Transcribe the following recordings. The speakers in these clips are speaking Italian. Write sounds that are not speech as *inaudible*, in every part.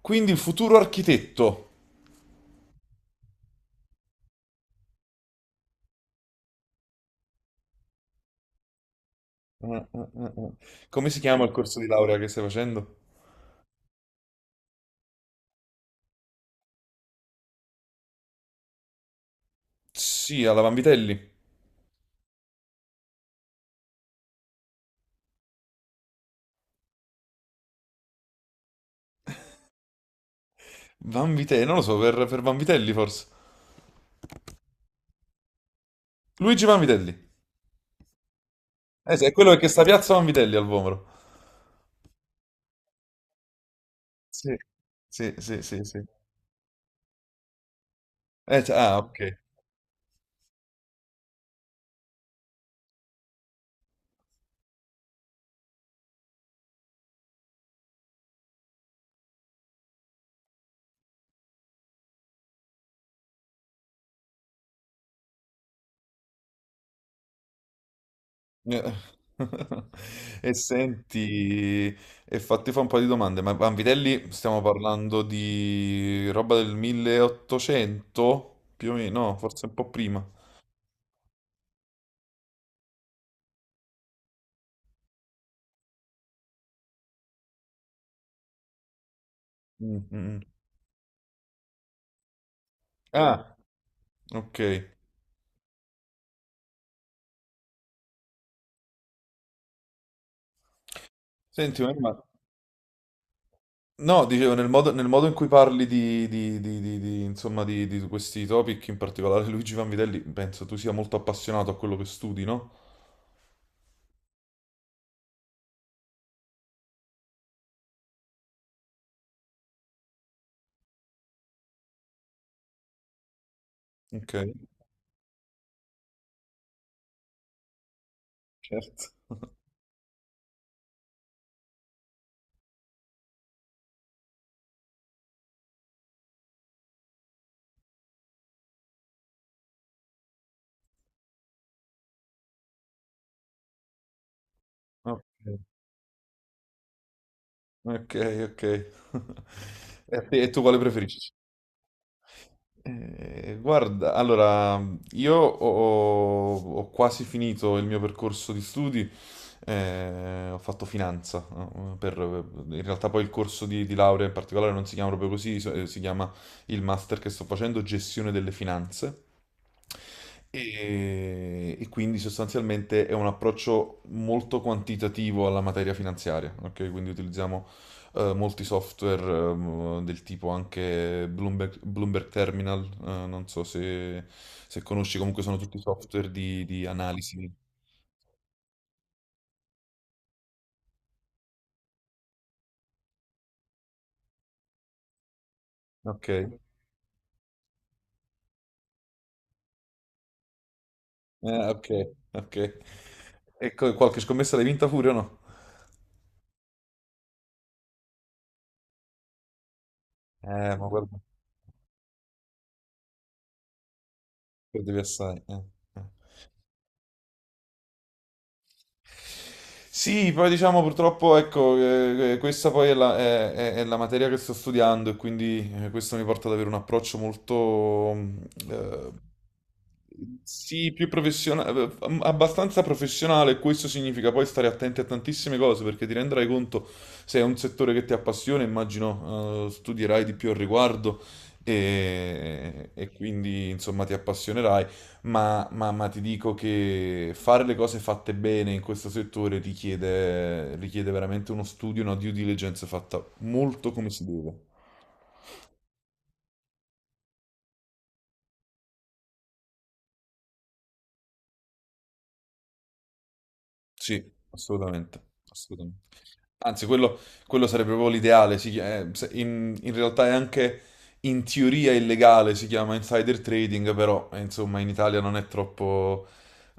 Quindi il futuro architetto. Mm, mm, mm. Come si chiama il corso di laurea che stai facendo? Sì, alla Vanvitelli. Vanvitelli, non lo so, per Vanvitelli forse. Luigi Vanvitelli. Eh sì, è quello che sta a Piazza Vanvitelli al Vomero. Sì, sì, sì, sì, sì. Ok. Eh. *laughs* E senti, e fatti fa un po' di domande, ma Vanvitelli stiamo parlando di roba del 1800? Più o meno, no, forse un po' prima. Mm, mm, mm. Ah, ok. Senti, ma ma- no, dicevo, nel modo in cui parli di- insomma, di questi topic, in particolare Luigi Vanvitelli, penso tu sia molto appassionato a quello che studi, no? Ok, certo. *laughs* Ok, ok, ok. *laughs* E tu quale preferisci? Guarda, allora, io ho quasi finito il mio percorso di studi, ho fatto finanza, no? In realtà poi il corso di laurea in particolare non si chiama proprio così, si chiama il master che sto facendo, gestione delle finanze. E quindi sostanzialmente è un approccio molto quantitativo alla materia finanziaria, ok? Quindi utilizziamo molti software, del tipo anche Bloomberg, Bloomberg Terminal, non so se, se conosci, comunque sono tutti software di analisi. Ok, ok, ok. Qualche scommessa l'hai vinta pure o no? Ma guarda, perdevi assai. Eh, eh. Sì, poi diciamo purtroppo, ecco, questa poi è è la materia che sto studiando e quindi questo mi porta ad avere un approccio molto, mm, eh, sì, più professionale, abbastanza professionale. Questo significa poi stare attenti a tantissime cose perché ti renderai conto se è un settore che ti appassiona, immagino, studierai di più al riguardo e quindi, insomma, ti appassionerai ma ti dico che fare le cose fatte bene in questo settore richiede veramente uno studio, una due diligence fatta molto come si deve. Sì, assolutamente, assolutamente. Anzi, quello sarebbe proprio l'ideale. In realtà è anche in teoria illegale, si chiama insider trading, però insomma in Italia non è troppo,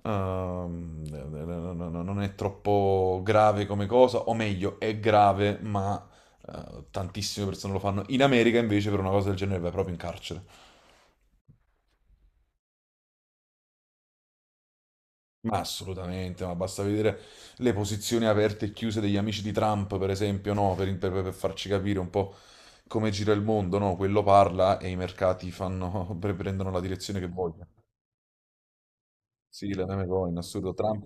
non è troppo grave come cosa, o meglio, è grave, ma tantissime persone lo fanno. In America invece per una cosa del genere vai proprio in carcere. Ma assolutamente, ma basta vedere le posizioni aperte e chiuse degli amici di Trump, per esempio, no? Per farci capire un po' come gira il mondo, no? Quello parla e i mercati fanno, *laughs* prendono la direzione che vogliono. Sì, la meme coin, assurdo. Trump,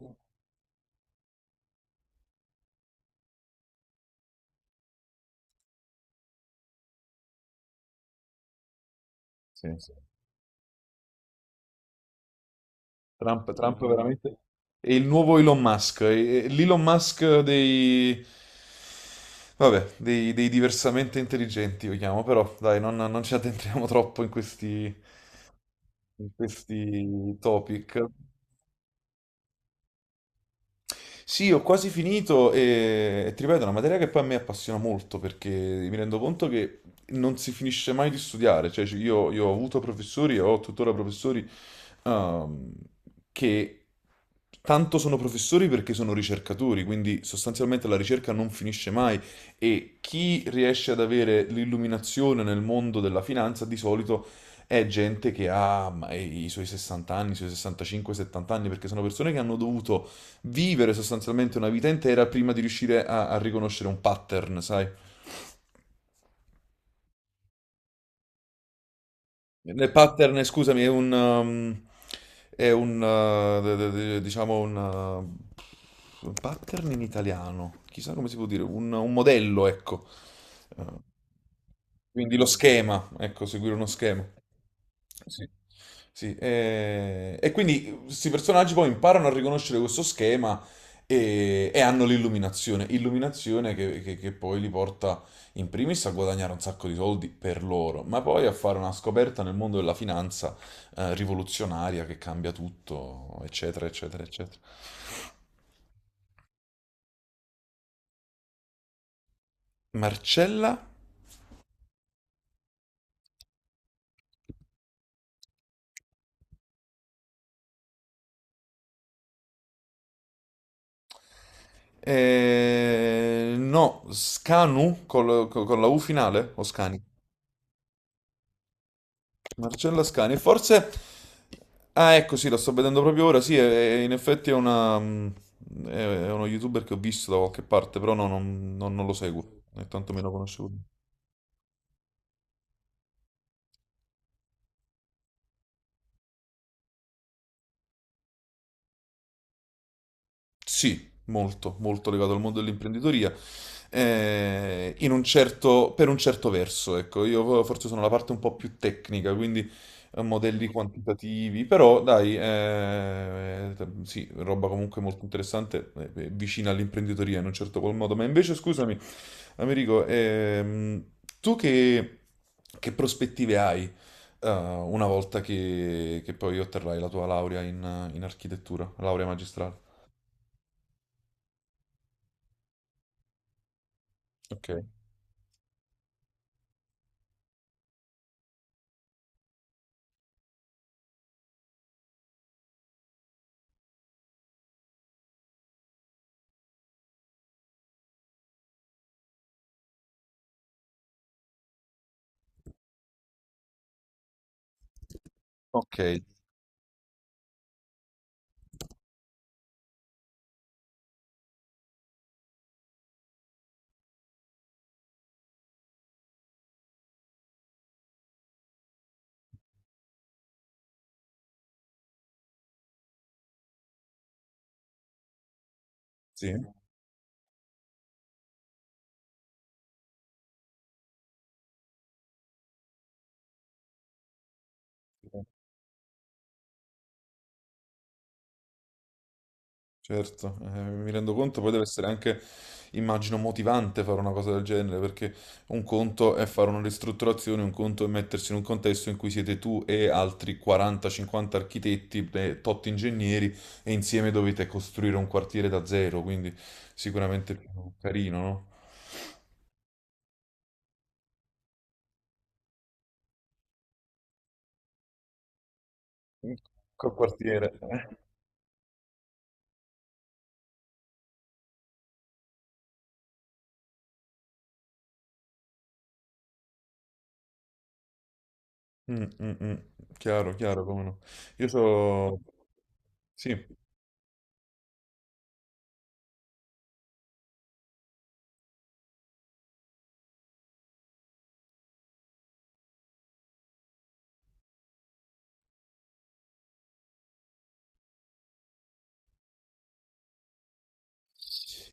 sì, sì. Trump, Trump veramente è il nuovo Elon Musk, è l'Elon Musk dei... Vabbè, dei diversamente intelligenti, lo chiamo, però dai, non ci addentriamo *laughs* troppo in questi topic. Sì, ho quasi finito e ti ripeto, è una materia che poi a me appassiona molto perché mi rendo conto che non si finisce mai di studiare, cioè, io ho avuto professori e ho tuttora professori, ehm, che tanto sono professori perché sono ricercatori, quindi sostanzialmente la ricerca non finisce mai e chi riesce ad avere l'illuminazione nel mondo della finanza di solito è gente che ha ma, i suoi 60 anni, i suoi 65, 70 anni, perché sono persone che hanno dovuto vivere sostanzialmente una vita intera prima di riuscire a riconoscere un pattern, sai? Nel pattern, scusami, è un, diciamo un pattern in italiano, chissà come si può dire, un modello, ecco. Uh, quindi lo schema, ecco, seguire uno schema. Sì. Sì, e, quindi questi personaggi poi imparano a riconoscere questo schema e hanno l'illuminazione, illuminazione che poi li porta in primis a guadagnare un sacco di soldi per loro, ma poi a fare una scoperta nel mondo della finanza rivoluzionaria che cambia tutto, eccetera, eccetera, eccetera. Marcella? No, Scanu con la U finale o Scani? Marcella Scani, e forse... Ah, ecco, sì, la sto vedendo proprio ora. Sì, in effetti è una... mm, è uno youtuber che ho visto da qualche parte, però no, non lo seguo, né tantomeno conoscevo. Sì, molto, molto legato al mondo dell'imprenditoria. Per un certo verso, ecco, io forse sono la parte un po' più tecnica, quindi modelli quantitativi, però dai, sì, roba comunque molto interessante, vicina all'imprenditoria in un certo qual modo. Ma invece, scusami, Americo, tu che prospettive hai, una volta che poi otterrai la tua laurea in architettura, laurea magistrale? Ok. Ok, sì, sì, certo, mi rendo conto, poi deve essere anche, immagino, motivante fare una cosa del genere, perché un conto è fare una ristrutturazione, un conto è mettersi in un contesto in cui siete tu e altri 40-50 architetti, e tot ingegneri, e insieme dovete costruire un quartiere da zero, quindi sicuramente più carino, no? Mm, col quartiere. Eh. Mm, mm, mm. Chiaro, chiaro, come no. Io so... Sì.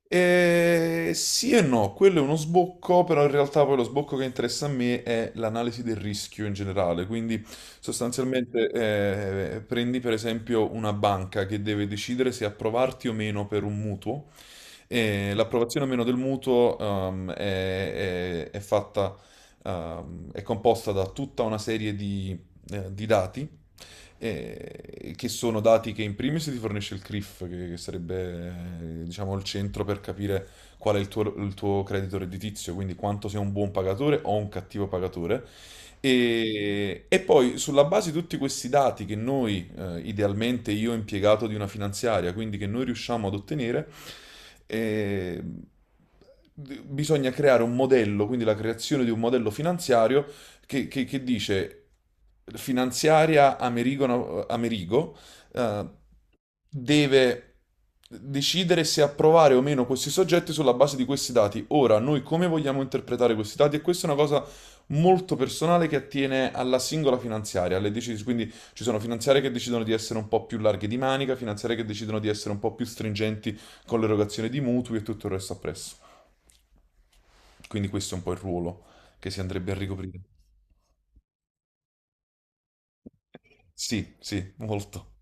Sì e no, quello è uno sbocco, però in realtà poi lo sbocco che interessa a me è l'analisi del rischio in generale. Quindi sostanzialmente prendi per esempio una banca che deve decidere se approvarti o meno per un mutuo e l'approvazione o meno del mutuo è fatta, è composta da tutta una serie di dati, che sono dati che in primis ti fornisce il CRIF, che sarebbe diciamo, il centro per capire qual è il tuo credito redditizio, quindi quanto sei un buon pagatore o un cattivo pagatore. E poi sulla base di tutti questi dati che noi, idealmente io impiegato di una finanziaria, quindi che noi riusciamo ad ottenere, eh, bisogna creare un modello, quindi la creazione di un modello finanziario che dice finanziaria Amerigo, Amerigo eh, deve decidere se approvare o meno questi soggetti sulla base di questi dati. Ora, noi come vogliamo interpretare questi dati? E questa è una cosa molto personale che attiene alla singola finanziaria, alle decisioni. Quindi ci sono finanziarie che decidono di essere un po' più larghe di manica, finanziarie che decidono di essere un po' più stringenti con l'erogazione di mutui e tutto il resto appresso. Quindi questo è un po' il ruolo che si andrebbe a ricoprire. Sì, sì, molto.